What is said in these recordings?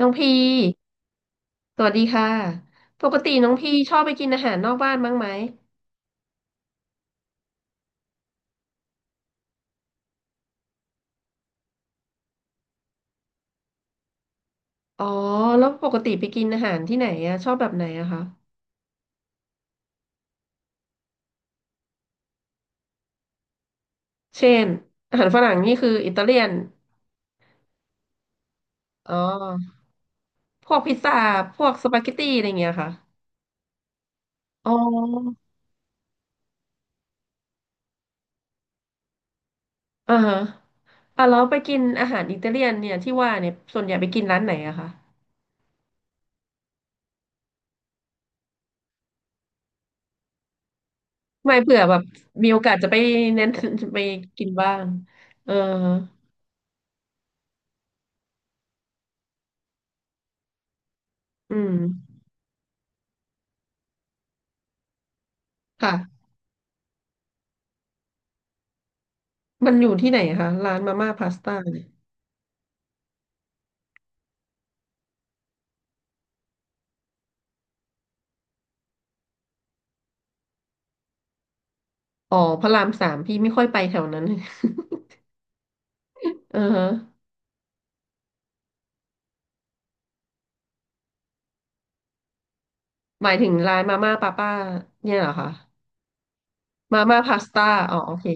น้องพีสวัสดีค่ะปกติน้องพีชอบไปกินอาหารนอกบ้านบ้างไหมอ๋อแล้วปกติไปกินอาหารที่ไหนอะชอบแบบไหนอะคะเช่นอาหารฝรั่งนี่คืออิตาเลียนอ๋อพวกพิซซ่าพวกสปาเกตตี้อะไรเงี้ยค่ะอ๋ออ่าฮะอ่ะแล้วไปกินอาหารอิตาเลียนเนี่ยที่ว่าเนี่ยส่วนใหญ่ไปกินร้านไหนอะคะไม่เผื่อแบบมีโอกาสจะไปเน้น จะไปกินบ้างเอออืมค่ะมันอยู่ที่ไหนคะร้านมาม่าพาสต้า อ๋อพระรามสามพี่ไม่ค่อยไปแถวนั้น เออฮะหมายถึงร้านมาม่าป้าป้าเนี่ยเหรอคะมาม่าพาสต้าอ๋อโอเค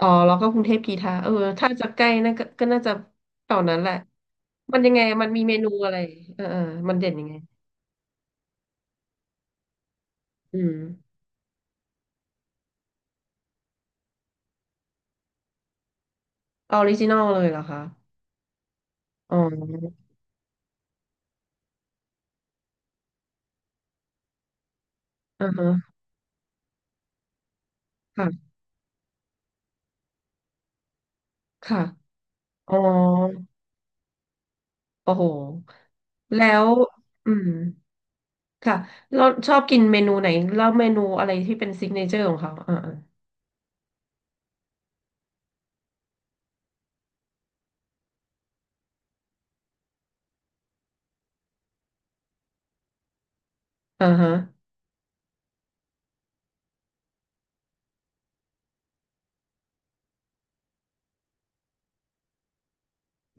อ๋อแล้วก็กรุงเทพกีทาเออถ้าจะใกล้น่าก็ก็น่าจะแถวนั้นแหละมันยังไงมันมีเมนูอะไรเออเออมันเด่นยังไงอืมออริจินอลเลยเหรอคะอ๋ออ่าฮะค่ะค่ะอ๋อโอ้โหแล้วอืมค่ะเราชอบกินเมนูไหนแล้วเมนูอะไรที่เป็นซิกเนเจอร์ของเขาอ่า อ่าฮะ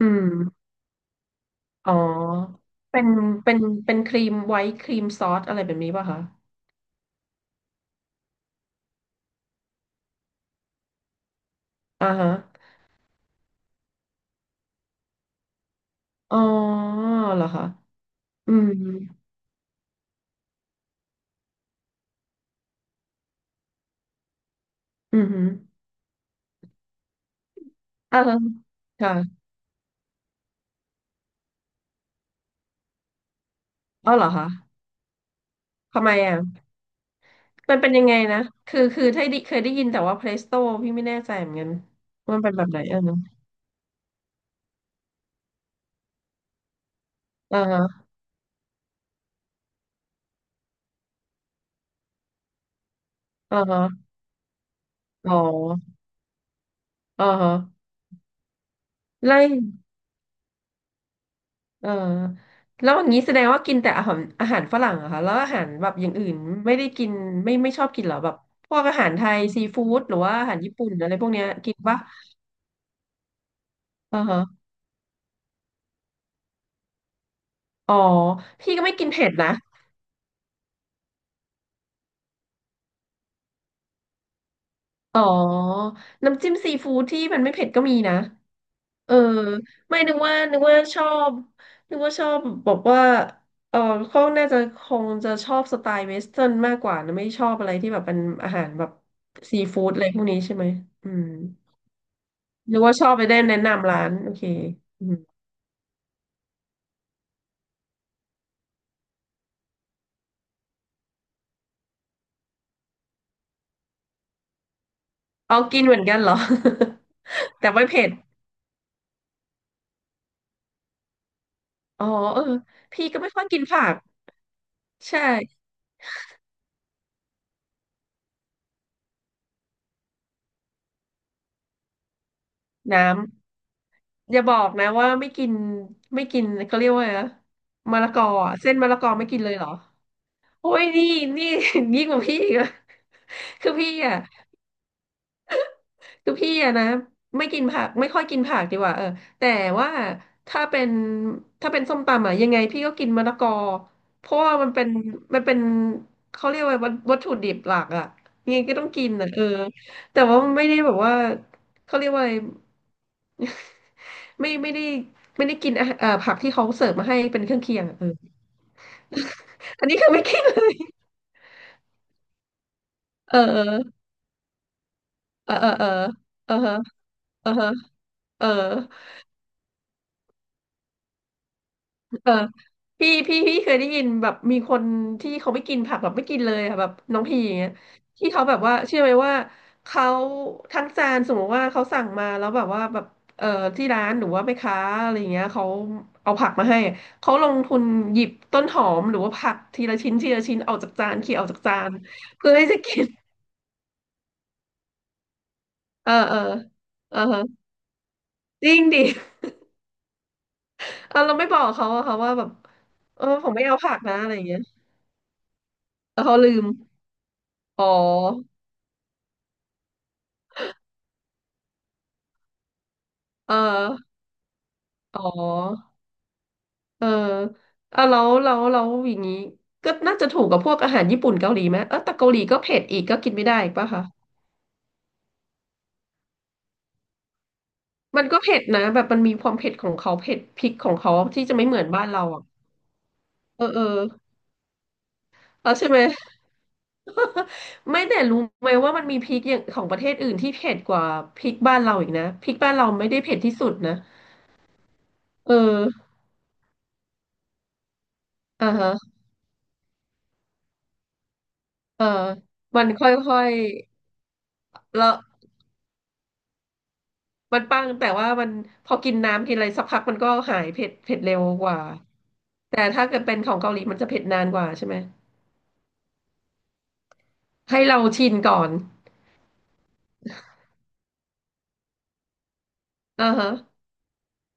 อืมอ๋อเป็นเป็นเป็นครีมไวท์ครีมซอสอะไรแบบนี้ป่ะคะอ่าฮะ อ๋อเหรอคะอืมอืมฮึอ่าแล้วค่ะอ๋อเหรอคะทำไมอ่ะมันเป็นยังไงนะ คือคือถ้าได้เคยได้ยินแต่ว่าเพลสโต้พี่ไม่แน่ใจเหมือนกันว่ามันเป็นแบบไหนอ่ะนะอ่าฮะอ่าฮะ อ๋ออ่าฮะไล่ เออแล้วอย่างนี้แสดงว่ากินแต่อาหารฝรั่งเหรอะคะแล้วอาหารแบบอย่างอื่นไม่ได้กินไม่ไม่ชอบกินเหรอแบบพวกอาหารไทยซีฟู้ดหรือว่าอาหารญี่ปุ่นอะไรพวกเนี้ยกินปะเออฮะอ๋อพี่ก็ไม่กินเผ็ดนะอ๋อน้ำจิ้มซีฟู้ดที่มันไม่เผ็ดก็มีนะเออไม่นึกว่านึกว่าชอบนึกว่าชอบบอกว่าเออเขาน่าจะคงจะชอบสไตล์เวสเทิร์นมากกว่านะไม่ชอบอะไรที่แบบเป็นอาหารแบบซีฟู้ดอะไรพวกนี้ใช่ไหมอืม หรือว่าชอบไปได้แนะนำร้านโอเคอืมเอากินเหมือนกันเหรอ แต่ไม่เผ็ดอ๋อเออพี่ก็ไม่ค่อยกินผักใช่น้ำอย่าบอกนะว่าไม่กินไม่กินเขาเรียกว่าไงนะมะละกออะเส้นมะละกอไม่กินเลยเหรอโอ้ยนี่นี่ ยิ่งกว่าพี่อีกอะ คือพี่อ่ะ คือพี่อะนะไม่กินผักไม่ค่อยกินผักดีกว่าเออแต่ว่าถ้าเป็นส้มตำอะยังไงพี่ก็กินมะละกอเพราะว่ามันเป็นมันเป็นเขาเรียกว่าวัตถุดิบหลักอะยังไงก็ต้องกินอะเออแต่ว่าไม่ได้แบบว่าเขาเรียกว่าอะไร ไม่ไม่ได้ไม่ได้กินอาหารผักที่เขาเสิร์ฟมาให้เป็นเครื่องเคียงอะเอออันนี้คือไม่กินเลย เออเออเออเออเออเออเออเออ เออพี่เคยได้ยินแบบมีคนที่เขาไม่กินผักแบบไม่กินเลยอะแบบน้องพีอย่างเงี้ยที่เขาแบบว่าเชื่อไหมว่าเขาทั้งจานสมมติว่าเขาสั่งมาแล้วแบบว่าแบบเออที่ร้านหรือว่าแม่ค้าอะไรอย่างเงี้ยเขาเอาผักมาให้อะเขาลงทุนหยิบต้นหอมหรือว่าผักทีละชิ้นทีละชิ้นออกจากจานเขี่ยออกจากจานเพื่อให้จะกิน เออเออเออฮะจริงดิเออเราไม่บอกเขาอะค่ะว่าแบบเออผมไม่เอาผักนะอะไรอย่างเงี้ยแล้วเขาลืมอ๋อเออ อ๋อ เออแล้วอย่างนี้ก็น่าจะถูกกับพวกอาหารญี่ปุ่นเกาหลีไหมเออแต่เกาหลีก็เผ็ดอีกก็กินไม่ได้อีกป่ะคะ มันก็เผ็ดนะ แบบมันมีความเผ็ดของเขา เผ็ดพริกของเขาที่จะไม่เหมือนบ้านเราอ่ะเออเออเออใช่ไหม ไม่แต่รู้ไหมว่ามันมีพริกอย่างของประเทศอื่นที่เผ็ดกว่าพริกบ้านเราอีกนะพริกบ้านเราไม่ได้เผ็ดที่สุดนะเอออ่าฮะเออมันค่อยๆแล้ว มันปังแต่ว่ามันพอกินน้ำกินอะไรสักพักมันก็หายเผ็ดเผ็ดเร็วกว่าแต่ถ้าเกิดเป็นของเกาหลีมันจะเผ็ดนานกว่าใช่ไหมให้เราชินก่อนอ่าฮะ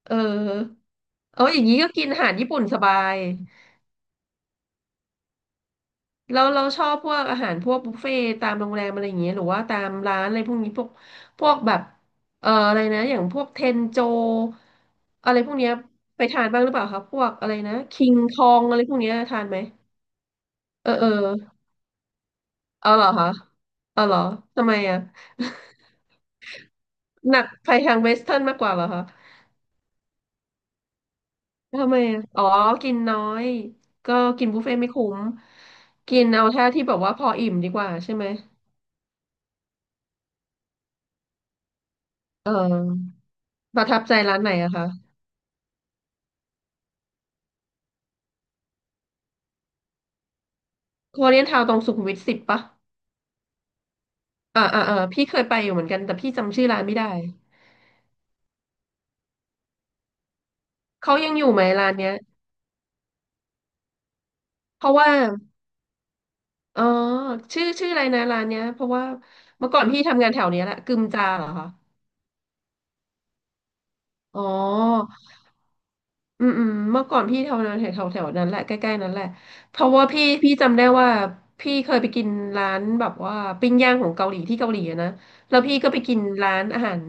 เออเอออย่างนี้ก็กินอาหารญี่ปุ่นสบายเราชอบพวกอาหารพวกบุฟเฟ่ต์ตามโรงแรมอะไรอย่างเงี้ยหรือว่าตามร้านอะไรพวกนี้พวกพวกแบบอะไรนะอย่างพวกเทนโจอะไรพวกเนี้ยไปทานบ้างหรือเปล่าครับพวกอะไรนะคิงคองอะไรพวกเนี้ยทานไหมเออเออ เอาเหรอคะ เอาเหรอ ทำไมอ่ะ หนักไปทางเวสเทิร์นมากกว่าเหรอคะ ทำไมอะอ๋อ กินน้อย ก็กินบุฟเฟ่ต์ไม่คุ้ม กินเอาแค่ที่แบบว่าพออิ่มดีกว่าใช่ไหม เออ ประทับใจร้านไหนอะคะ โคเรียนทาวน์ตรงสุขุมวิท 10ปะอ่าอ่าอ่าพี่เคยไปอยู่เหมือนกันแต่พี่จำชื่อร้านไม่ได้ เขายังอยู่ไหมร้านเนี้ยเพราะว่าอ๋อชื่อชื่ออะไรนะร้านเนี้ยเพราะว่าเมื่อก่อนพี่ทำงานแถวเนี้ยแหละกึมจาเหรอคะอ๋อ อืมอืมเมื่อก่อนพี่แถวนั้นแถวแถวนั้นแหละใกล้ๆนั้นแหละเพราะว่าพี่จำได้ว่าพี่เคยไปกินร้านแบบว่าปิ้งย่างของเกาหลีที่เกาหลีอะนะแล้วพี่ก็ไปกินร้านอาหาร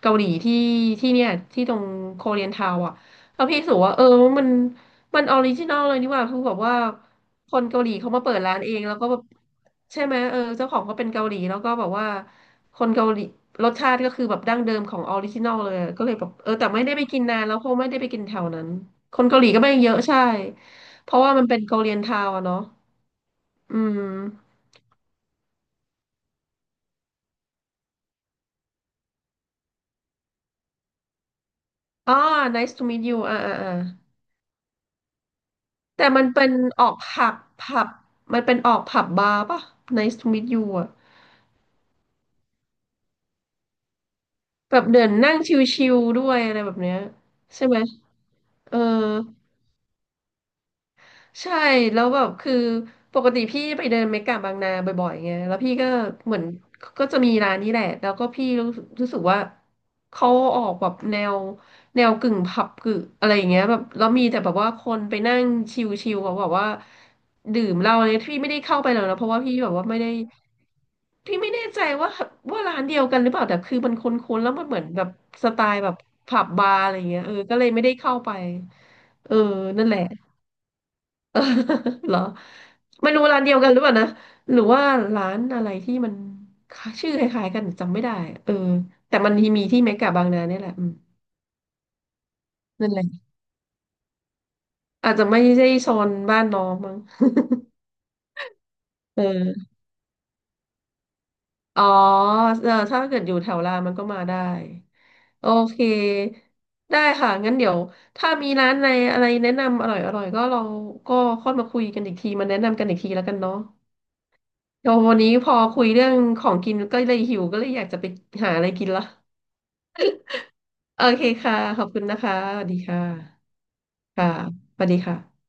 เกาหลีที่ที่เนี่ยที่ตรงโคเรียนทาวน์อ่ะแล้วพี่รู้สึกว่าเออมันมันออริจินอลเลยนี่หว่าคือแบบว่าคนเกาหลีเขามาเปิดร้านเองแล้วก็แบบใช่ไหมเออเจ้าของก็เป็นเกาหลีแล้วก็แบบว่า คนเกาหลีรสชาติก็คือแบบดั้งเดิมของออริจินอลเลยอะก็เลยแบบเออแต่ไม่ได้ไปกินนานแล้วเพราะไม่ได้ไปกินแถวนั้นคนเกาหลีก็ไม่เยอะใช่เพราะว่ามันเป็นเกาหลีทาวน์อะเนาะอืมอ๋อ nice to meet you อ่าอ่าอ่าแต่มันเป็นออกผับผับมันเป็นออกผับบาร์ป่ะ nice to meet you อะแบบเดินนั่งชิลๆด้วยอะไรแบบเนี้ยใช่ไหมเออ ใช่แล้วแบบคือปกติพี่ไปเดินเมกะบางนาบ่อยๆไงแล้วพี่ก็เหมือนก็จะมีร้านนี้แหละแล้วก็พี่รู้สึกว่าเขาออกแบบแนวแนวกึ่งผับกึ่งอะไรอย่างเงี้ยแบบแล้วมีแต่แบบว่าคนไปนั่งชิลๆเขาแบบว่าดื่มเหล้าเนี่ยพี่ไม่ได้เข้าไปหรอกนะเพราะว่าพี่แบบว่าไม่ได้พี่ไม่แน่ใจว่าร้านเดียวกันหรือเปล่าแต่คือมันคุ้นๆแล้วมันเหมือนแบบสไตล์แบบผับบาร์อะไรอย่างเงี้ยเออก็เลยไม่ได้เข้าไปเออนั่นแหละ เออเหรอไม่รู้ร้านเดียวกันหรือเปล่านะหรือว่าร้านอะไรที่มันชื่อคล้ายๆกันจำไม่ได้อะเออแต่มันมีที่เมกะบางนาเนี่ยแหละอืมนั่นแหละอาจจะไม่ใช่โซนบ้านน้องมั้ง เอออ๋อเออถ้าเกิดอยู่แถวรามมันก็มาได้โอเคได้ค่ะงั้นเดี๋ยวถ้ามีร้านในอะไรแนะนำอร่อยๆก็เราก็ค่อยมาคุยกันอีกทีมาแนะนำกันอีกทีแล้วกันเนาะ โอ้วันนี้พอคุยเรื่องของกินก็เลยหิวก็เลยอยากจะไปหาอะไรกินละโอเคค่ะขอบคุณนะคะสวัสดีค่ะค่ะสวัสดีค่ะ